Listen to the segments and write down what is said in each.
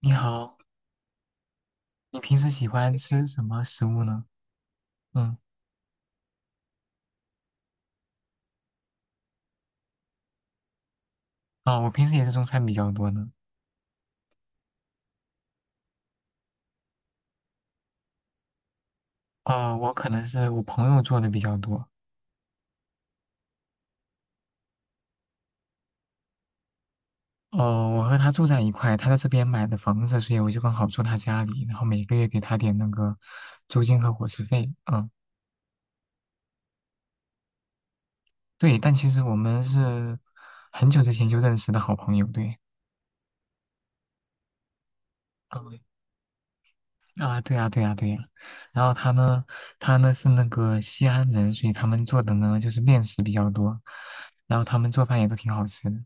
你好，你平时喜欢吃什么食物呢？嗯，啊，我平时也是中餐比较多呢。啊，我可能是我朋友做的比较多。哦，我和他住在一块，他在这边买的房子，所以我就刚好住他家里，然后每个月给他点那个租金和伙食费。嗯，对，但其实我们是很久之前就认识的好朋友，对。嗯啊，对啊，对啊，对啊。然后他呢是那个西安人，所以他们做的呢就是面食比较多，然后他们做饭也都挺好吃的。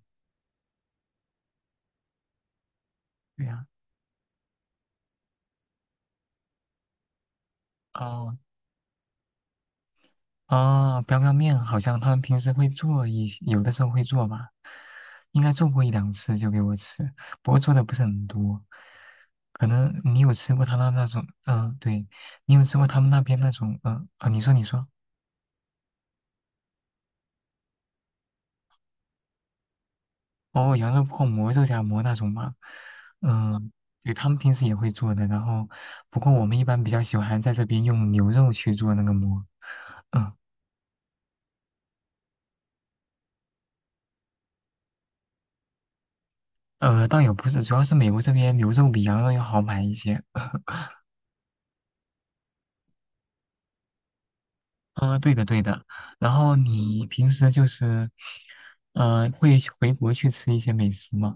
对呀，哦哦，彪彪面好像他们平时会做一些，有的时候会做吧，应该做过一两次就给我吃，不过做的不是很多。可能你有吃过他那种，嗯、对，你有吃过他们那边那种？嗯、啊，你说你说。哦，羊肉泡馍、肉夹馍那种吗？嗯、对，他们平时也会做的，然后不过我们一般比较喜欢在这边用牛肉去做那个馍。嗯、倒也不是，主要是美国这边牛肉比羊肉要好买一些。啊，对的对的。然后你平时就是会回国去吃一些美食吗？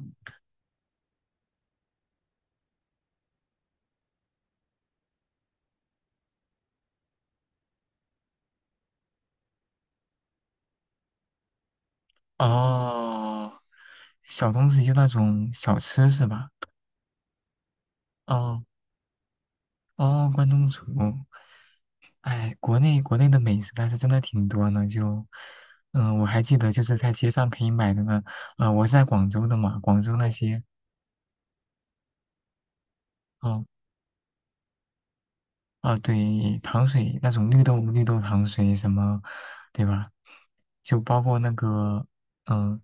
哦，小东西就那种小吃是吧？哦哦，关东煮。哎，国内国内的美食但是真的挺多呢。就我还记得就是在街上可以买的呢。我是在广州的嘛，广州那些。哦啊、对，糖水那种绿豆绿豆糖水什么，对吧？就包括那个。嗯，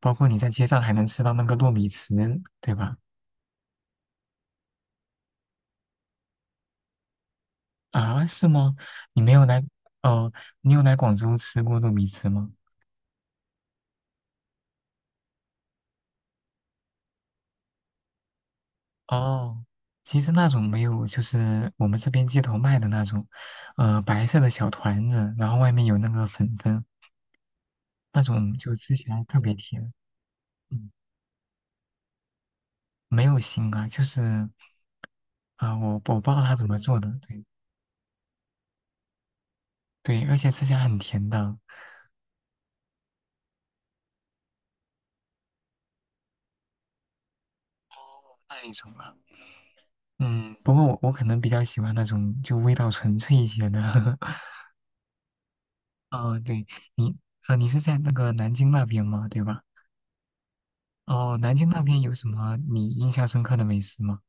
包括你在街上还能吃到那个糯米糍，对吧？啊，是吗？你没有来，哦、你有来广州吃过糯米糍吗？哦，其实那种没有，就是我们这边街头卖的那种，白色的小团子，然后外面有那个粉粉，那种就吃起来特别甜。嗯，没有腥啊，就是啊、我不知道它怎么做的，对。对，而且吃起来很甜的。哦，那一种啊。嗯，不过我可能比较喜欢那种就味道纯粹一些的，哦，对，你，你是在那个南京那边吗？对吧？哦，南京那边有什么你印象深刻的美食吗？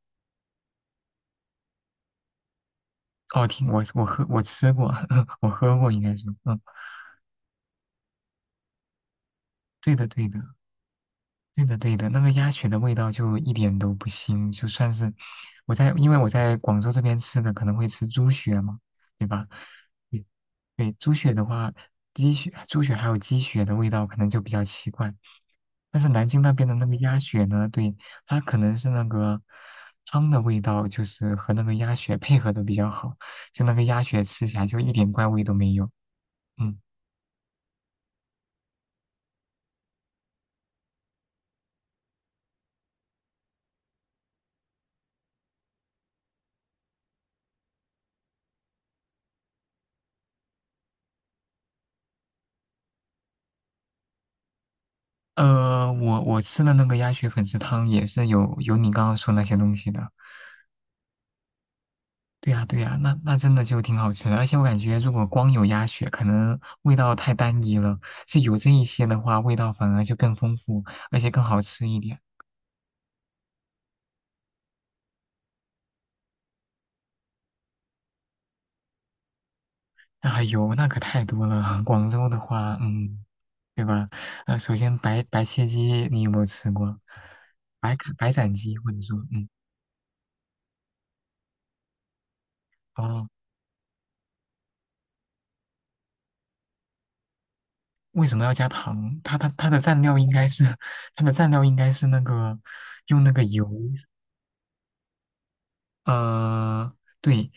哦，听我喝我吃过，我喝过应该是，嗯，对的对的，对的，对的，那个鸭血的味道就一点都不腥，就算是因为我在广州这边吃的可能会吃猪血嘛，对吧？对，对猪血的话，鸡血、猪血还有鸡血的味道可能就比较奇怪，但是南京那边的那个鸭血呢，对，它可能是那个汤的味道，就是和那个鸭血配合的比较好，就那个鸭血吃起来就一点怪味都没有。嗯，我吃的那个鸭血粉丝汤也是有你刚刚说那些东西的。对呀，对呀，那真的就挺好吃的，而且我感觉如果光有鸭血，可能味道太单一了，就有这一些的话，味道反而就更丰富，而且更好吃一点。啊，有那可太多了，广州的话，嗯，对吧？首先白切鸡你有没有吃过？白斩鸡或者说，嗯，哦，为什么要加糖？它的蘸料应该是 它的蘸料应该是那个用那个油。呃，对，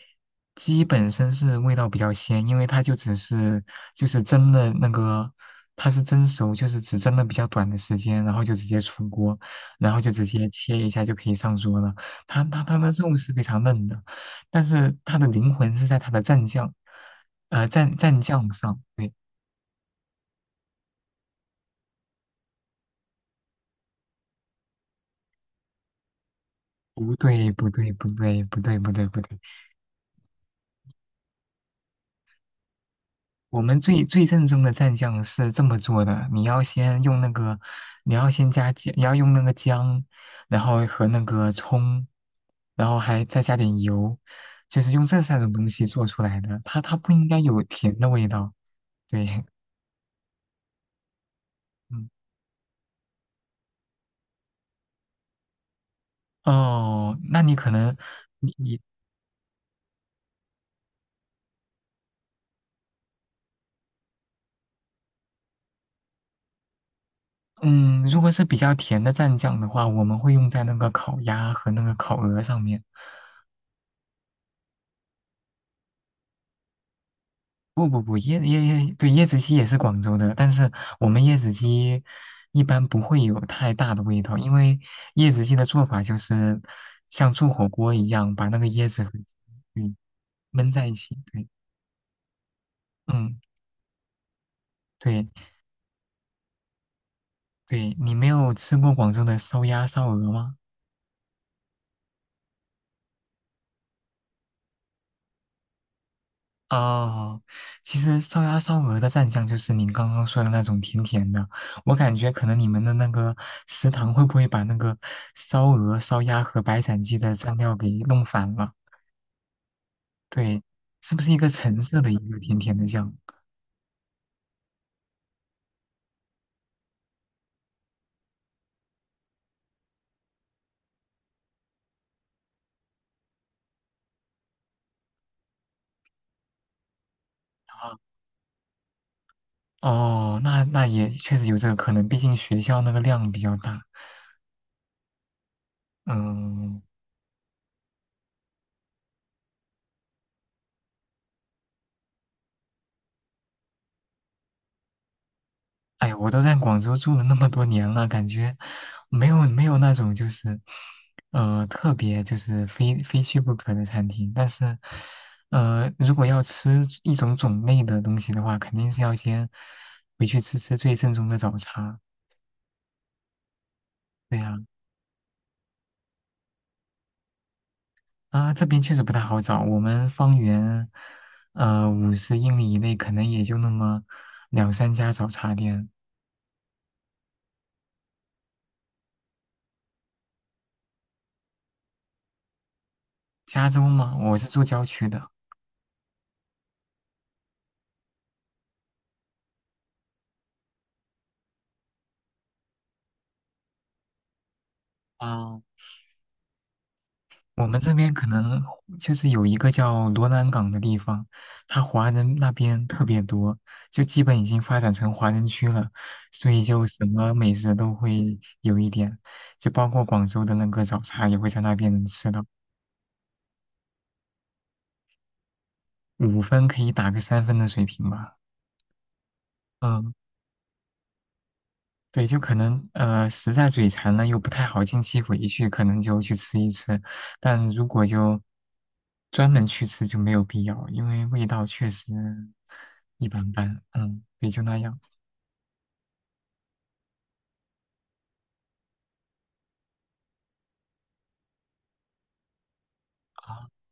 鸡本身是味道比较鲜，因为它就只是就是蒸的那个。它是蒸熟，就是只蒸了比较短的时间，然后就直接出锅，然后就直接切一下就可以上桌了。它的肉是非常嫩的，但是它的灵魂是在它的蘸酱，蘸酱上。对，不对不对不对不对不对不对，我们最最正宗的蘸酱是这么做的：你要先用那个，你要先加姜，你要用那个姜，然后和那个葱，然后还再加点油，就是用这三种东西做出来的。它不应该有甜的味道。对，嗯，哦，那你可能你你嗯，如果是比较甜的蘸酱的话，我们会用在那个烤鸭和那个烤鹅上面。不不不，椰椰椰，对，椰子鸡也是广州的，但是我们椰子鸡一般不会有太大的味道，因为椰子鸡的做法就是像做火锅一样，把那个椰子和，对，焖在一起。对，嗯，对对，你没有吃过广州的烧鸭、烧鹅吗？哦，其实烧鸭烧鹅的蘸酱就是您刚刚说的那种甜甜的，我感觉可能你们的那个食堂会不会把那个烧鹅、烧鸭和白斩鸡的蘸料给弄反了？对，是不是一个橙色的一个甜甜的酱？啊，哦，那也确实有这个可能，毕竟学校那个量比较大。嗯，哎呀，我都在广州住了那么多年了，感觉没有没有那种就是，特别就是非去不可的餐厅。但是，如果要吃一种种类的东西的话，肯定是要先回去吃吃最正宗的早茶。对呀，啊，这边确实不太好找，我们方圆50英里以内可能也就那么两三家早茶店。加州嘛，我是住郊区的。啊。我们这边可能就是有一个叫罗南港的地方，它华人那边特别多，就基本已经发展成华人区了，所以就什么美食都会有一点，就包括广州的那个早茶也会在那边能吃到，5分可以打个3分的水平吧。嗯。对，就可能实在嘴馋了又不太好近期回去，可能就去吃一吃。但如果就专门去吃就没有必要，因为味道确实一般般。嗯，也就那样啊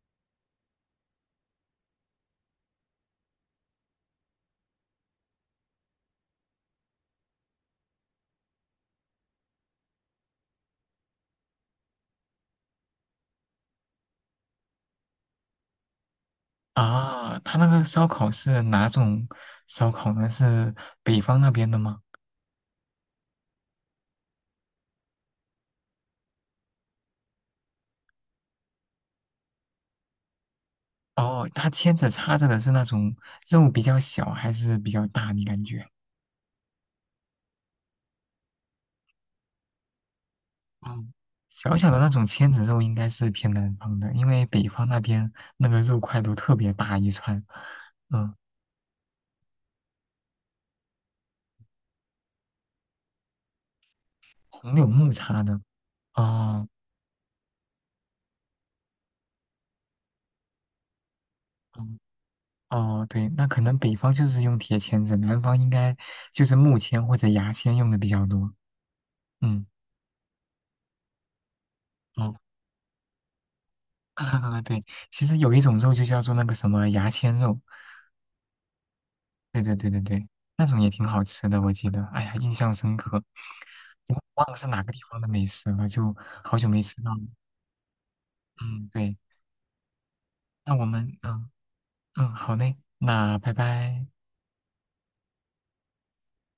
啊。他那个烧烤是哪种烧烤呢？是北方那边的吗？哦，他牵着插着的是那种肉比较小还是比较大？你感觉？嗯，小小的那种签子肉应该是偏南方的，因为北方那边那个肉块都特别大一串。嗯，红柳木叉的，哦，嗯哦，对，那可能北方就是用铁签子，南方应该就是木签或者牙签用的比较多。嗯，哦，对，其实有一种肉就叫做那个什么牙签肉，对对对对对，那种也挺好吃的，我记得，哎呀，印象深刻，我忘了是哪个地方的美食了，就好久没吃到了。嗯，对。那我们嗯嗯好嘞，那拜拜。